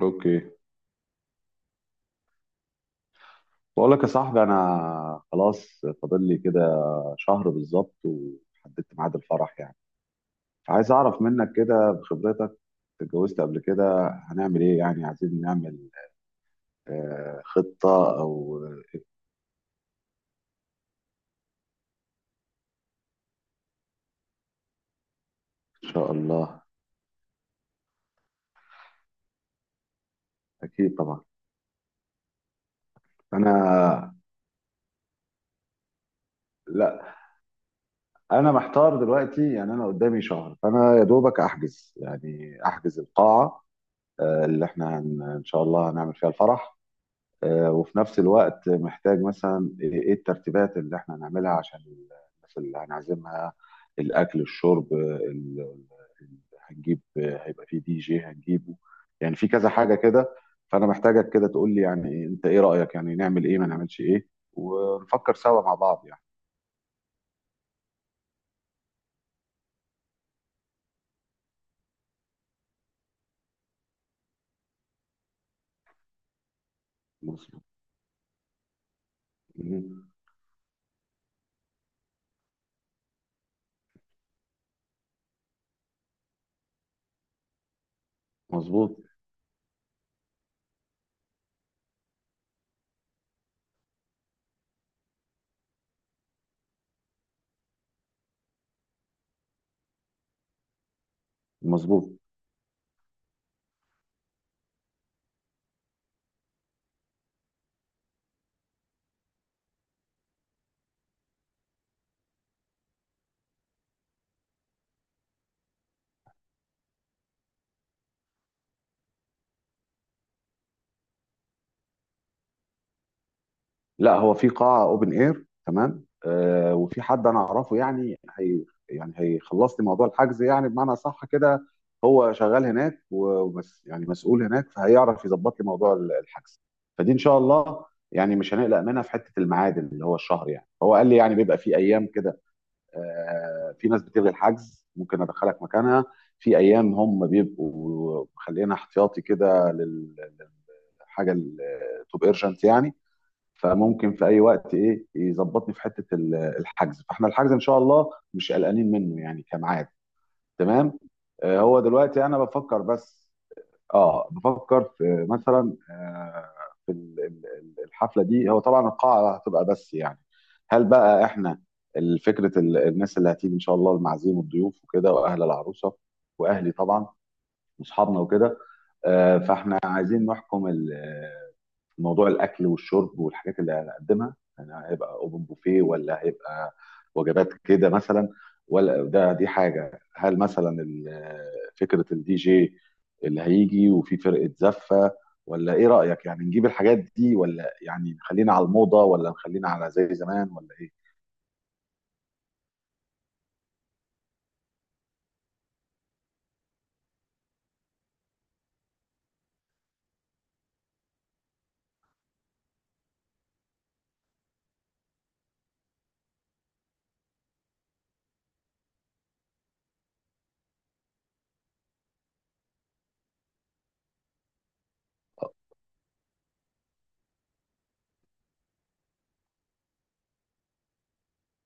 اوكي. بقول لك يا صاحبي، انا خلاص فاضل لي كده شهر بالظبط وحددت ميعاد الفرح يعني. عايز اعرف منك كده بخبرتك، اتجوزت قبل كده، هنعمل ايه؟ يعني عايزين نعمل خطة او ان شاء الله. اكيد طبعا. انا لا، انا محتار دلوقتي يعني، انا قدامي شهر، فانا يا دوبك احجز، يعني احجز القاعة اللي احنا ان شاء الله هنعمل فيها الفرح. وفي نفس الوقت محتاج مثلا إيه الترتيبات اللي احنا هنعملها عشان الناس اللي هنعزمها، الاكل، الشرب، ال- ال- هنجيب، هيبقى فيه دي جي هنجيبه. يعني في كذا حاجه كده، فانا محتاجك كده تقول لي يعني انت ايه رايك؟ يعني نعمل ايه ما نعملش ايه، ونفكر سوا مع بعض يعني. مظبوط. مهم. مظبوط. مظبوط. لا، هو في قاعة اوبن اير، تمام، وفي حد انا اعرفه يعني، هي يعني هيخلص لي موضوع الحجز يعني، بمعنى صح كده. هو شغال هناك وبس يعني، مسؤول هناك، فهيعرف يظبط لي موضوع الحجز. فدي ان شاء الله يعني مش هنقلق منها في حتة الميعاد اللي هو الشهر. يعني هو قال لي يعني بيبقى في ايام كده، في ناس بتلغي الحجز ممكن ادخلك مكانها. في ايام هم بيبقوا مخلينا احتياطي كده للحاجة التوب ايرجنت يعني. فممكن في اي وقت يظبطني في حته الحجز. فاحنا الحجز ان شاء الله مش قلقانين منه يعني كميعاد. تمام. هو دلوقتي انا بفكر بس. اه، بفكر في مثلا في الحفله دي. هو طبعا القاعه هتبقى بس يعني، هل بقى احنا فكره الناس اللي هتيجي ان شاء الله، المعازيم والضيوف وكده، واهل العروسه، واهلي طبعا، واصحابنا وكده، فاحنا عايزين نحكم موضوع الاكل والشرب والحاجات اللي هنقدمها. يعني هيبقى اوبن بوفيه ولا هيبقى وجبات كده مثلا؟ ولا دي حاجه؟ هل مثلا فكره الدي جي اللي هيجي، وفي فرقه زفه، ولا ايه رايك؟ يعني نجيب الحاجات دي، ولا يعني نخلينا على الموضه، ولا نخلينا على زي زمان، ولا ايه؟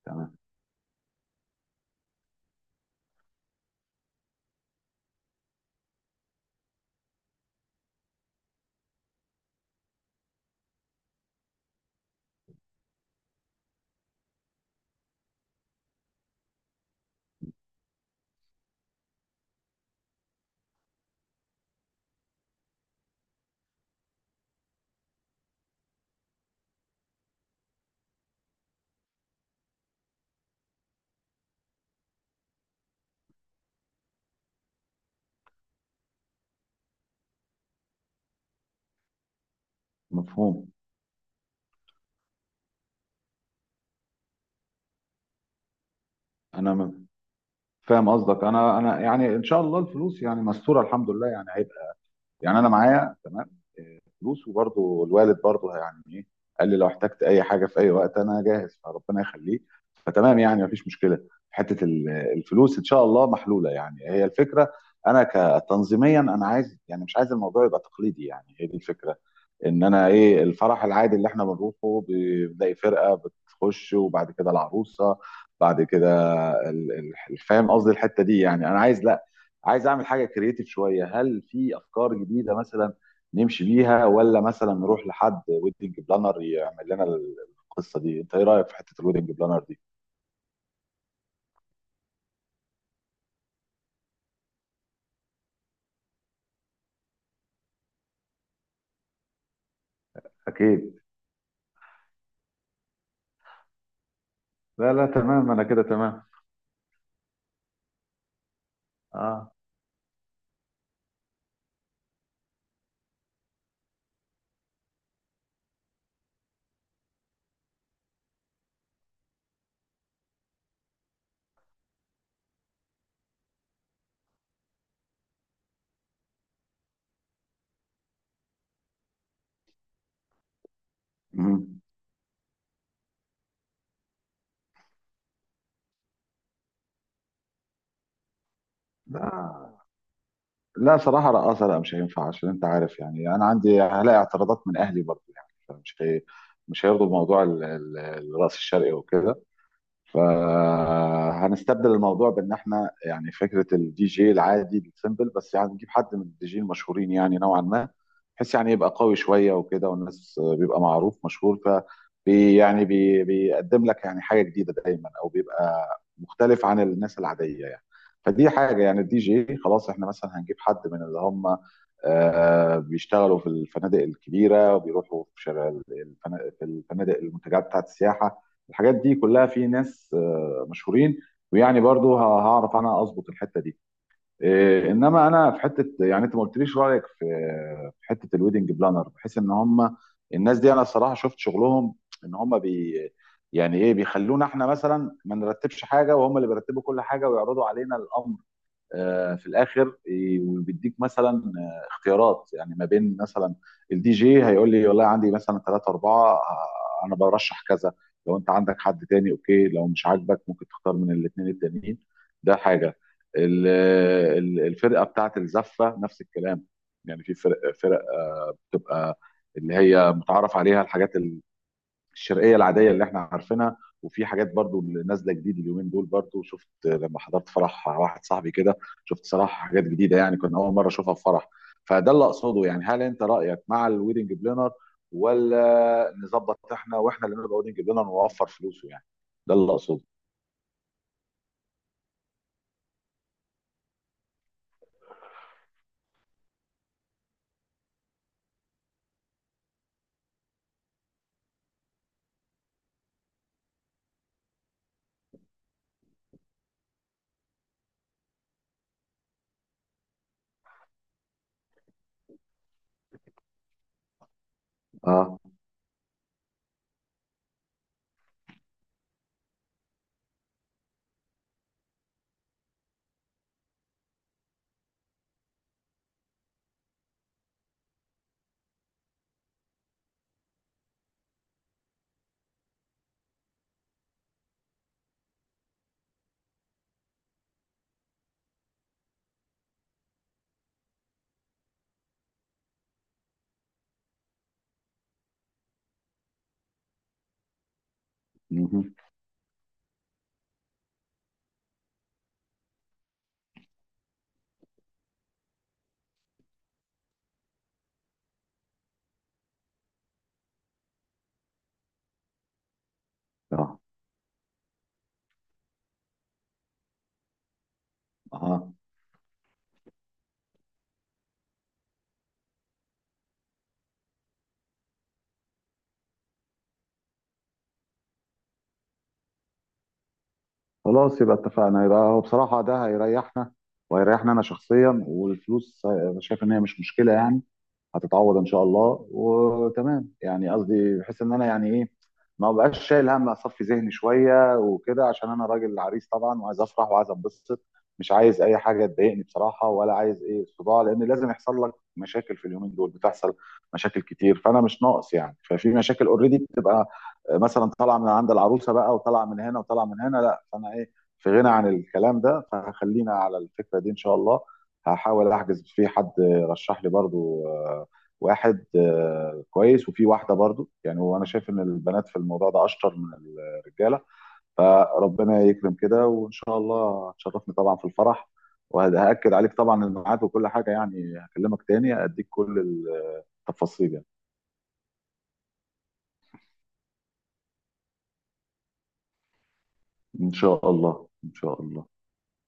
تمام. مفهوم. انا م- فاهم قصدك. انا يعني ان شاء الله الفلوس يعني مستوره الحمد لله، يعني هيبقى يعني انا معايا تمام فلوس. وبرضه الوالد برضه يعني ايه، قال لي لو احتجت اي حاجه في اي وقت انا جاهز، فربنا يخليه. فتمام، يعني مفيش مشكله في حته الفلوس، ان شاء الله محلوله. يعني هي الفكره، انا كتنظيميا، انا عايز، يعني مش عايز الموضوع يبقى تقليدي. يعني هي دي الفكره، ان انا ايه الفرح العادي اللي احنا بنروحه بنلاقي فرقه بتخش وبعد كده العروسه، بعد كده فاهم قصدي الحته دي؟ يعني انا عايز، لا، عايز اعمل حاجه كرييتيف شويه. هل في افكار جديده مثلا نمشي بيها، ولا مثلا نروح لحد ويدنج بلانر يعمل لنا القصه دي؟ انت ايه رايك في حته الويدنج بلانر دي؟ اكيد. لا، لا، تمام، انا كده تمام. اه. مم. لا. لا، صراحه رقاصه لا مش هينفع، عشان انت عارف يعني انا عندي هلاقي اعتراضات من اهلي برضه يعني، فمش هي مش هيرضوا بموضوع الرقص الشرقي وكده. فهنستبدل الموضوع بان احنا يعني فكره الدي جي العادي السيمبل، بس يعني نجيب حد من الدي جي المشهورين يعني، نوعا ما، بحيث يعني يبقى قوي شويه وكده، والناس بيبقى معروف مشهور، بي بيقدم لك يعني حاجه جديده دايما، او بيبقى مختلف عن الناس العاديه يعني. فدي حاجه. يعني الدي جي خلاص، احنا مثلا هنجيب حد من اللي هم بيشتغلوا في الفنادق الكبيره، وبيروحوا في في الفنادق، المنتجعات بتاعت السياحه، الحاجات دي كلها في ناس مشهورين. ويعني برضو هعرف انا اظبط الحته دي. انما انا في حته يعني، انت ما قلتليش رايك في، في حته الويدنج بلانر، بحيث ان هم الناس دي انا الصراحه شفت شغلهم. ان هم يعني ايه، بيخلونا احنا مثلا ما نرتبش حاجه، وهم اللي بيرتبوا كل حاجه ويعرضوا علينا الامر في الاخر. وبيديك مثلا اختيارات يعني ما بين مثلا، الدي جي هيقول لي والله عندي مثلا ثلاثة أربعة، أنا برشح كذا، لو أنت عندك حد تاني أوكي، لو مش عاجبك ممكن تختار من الاثنين التانيين. ده حاجة. ال- الفرقة بتاعت الزفة نفس الكلام، يعني في فرق، فرق تبقى اللي هي متعارف عليها، الحاجات اللي الشرقيه العاديه اللي احنا عارفينها، وفي حاجات برضو اللي نازله جديد اليومين دول. برضو شفت لما حضرت فرح واحد صاحبي كده، شفت صراحه حاجات جديده يعني، كنا اول مره اشوفها في فرح. فده اللي اقصده، يعني هل انت رايك مع الويدنج بلانر، ولا نظبط احنا واحنا اللي نبقى ويدنج بلانر ونوفر فلوسه يعني؟ ده اللي اقصده. اه. مهم. اه. اه. خلاص، يبقى اتفقنا، يبقى هو بصراحه ده هيريحنا. وهيريحنا انا شخصيا، والفلوس شايف ان هي مش مشكله يعني، هتتعوض ان شاء الله، وتمام يعني. قصدي بحيث ان انا يعني ايه ما بقاش شايل هم، اصفي ذهني شويه وكده، عشان انا راجل عريس طبعا وعايز افرح وعايز انبسط، مش عايز اي حاجه تضايقني بصراحه، ولا عايز ايه صداع، لان لازم يحصل لك مشاكل في اليومين دول، بتحصل مشاكل كتير، فانا مش ناقص يعني. ففي مشاكل اوريدي بتبقى مثلا طالعه من عند العروسه بقى، وطالعه من هنا، وطالعه من هنا، لا، فانا ايه في غنى عن الكلام ده. فخلينا على الفكره دي ان شاء الله. هحاول احجز في حد رشح لي برضو واحد كويس، وفي واحده برضو يعني. وانا شايف ان البنات في الموضوع ده اشطر من الرجاله، فربنا يكرم كده وان شاء الله تشرفني طبعا في الفرح، وهاكد عليك طبعا الميعاد وكل حاجه يعني. هكلمك تاني اديك كل التفاصيل يعني، ان شاء الله ان شاء الله.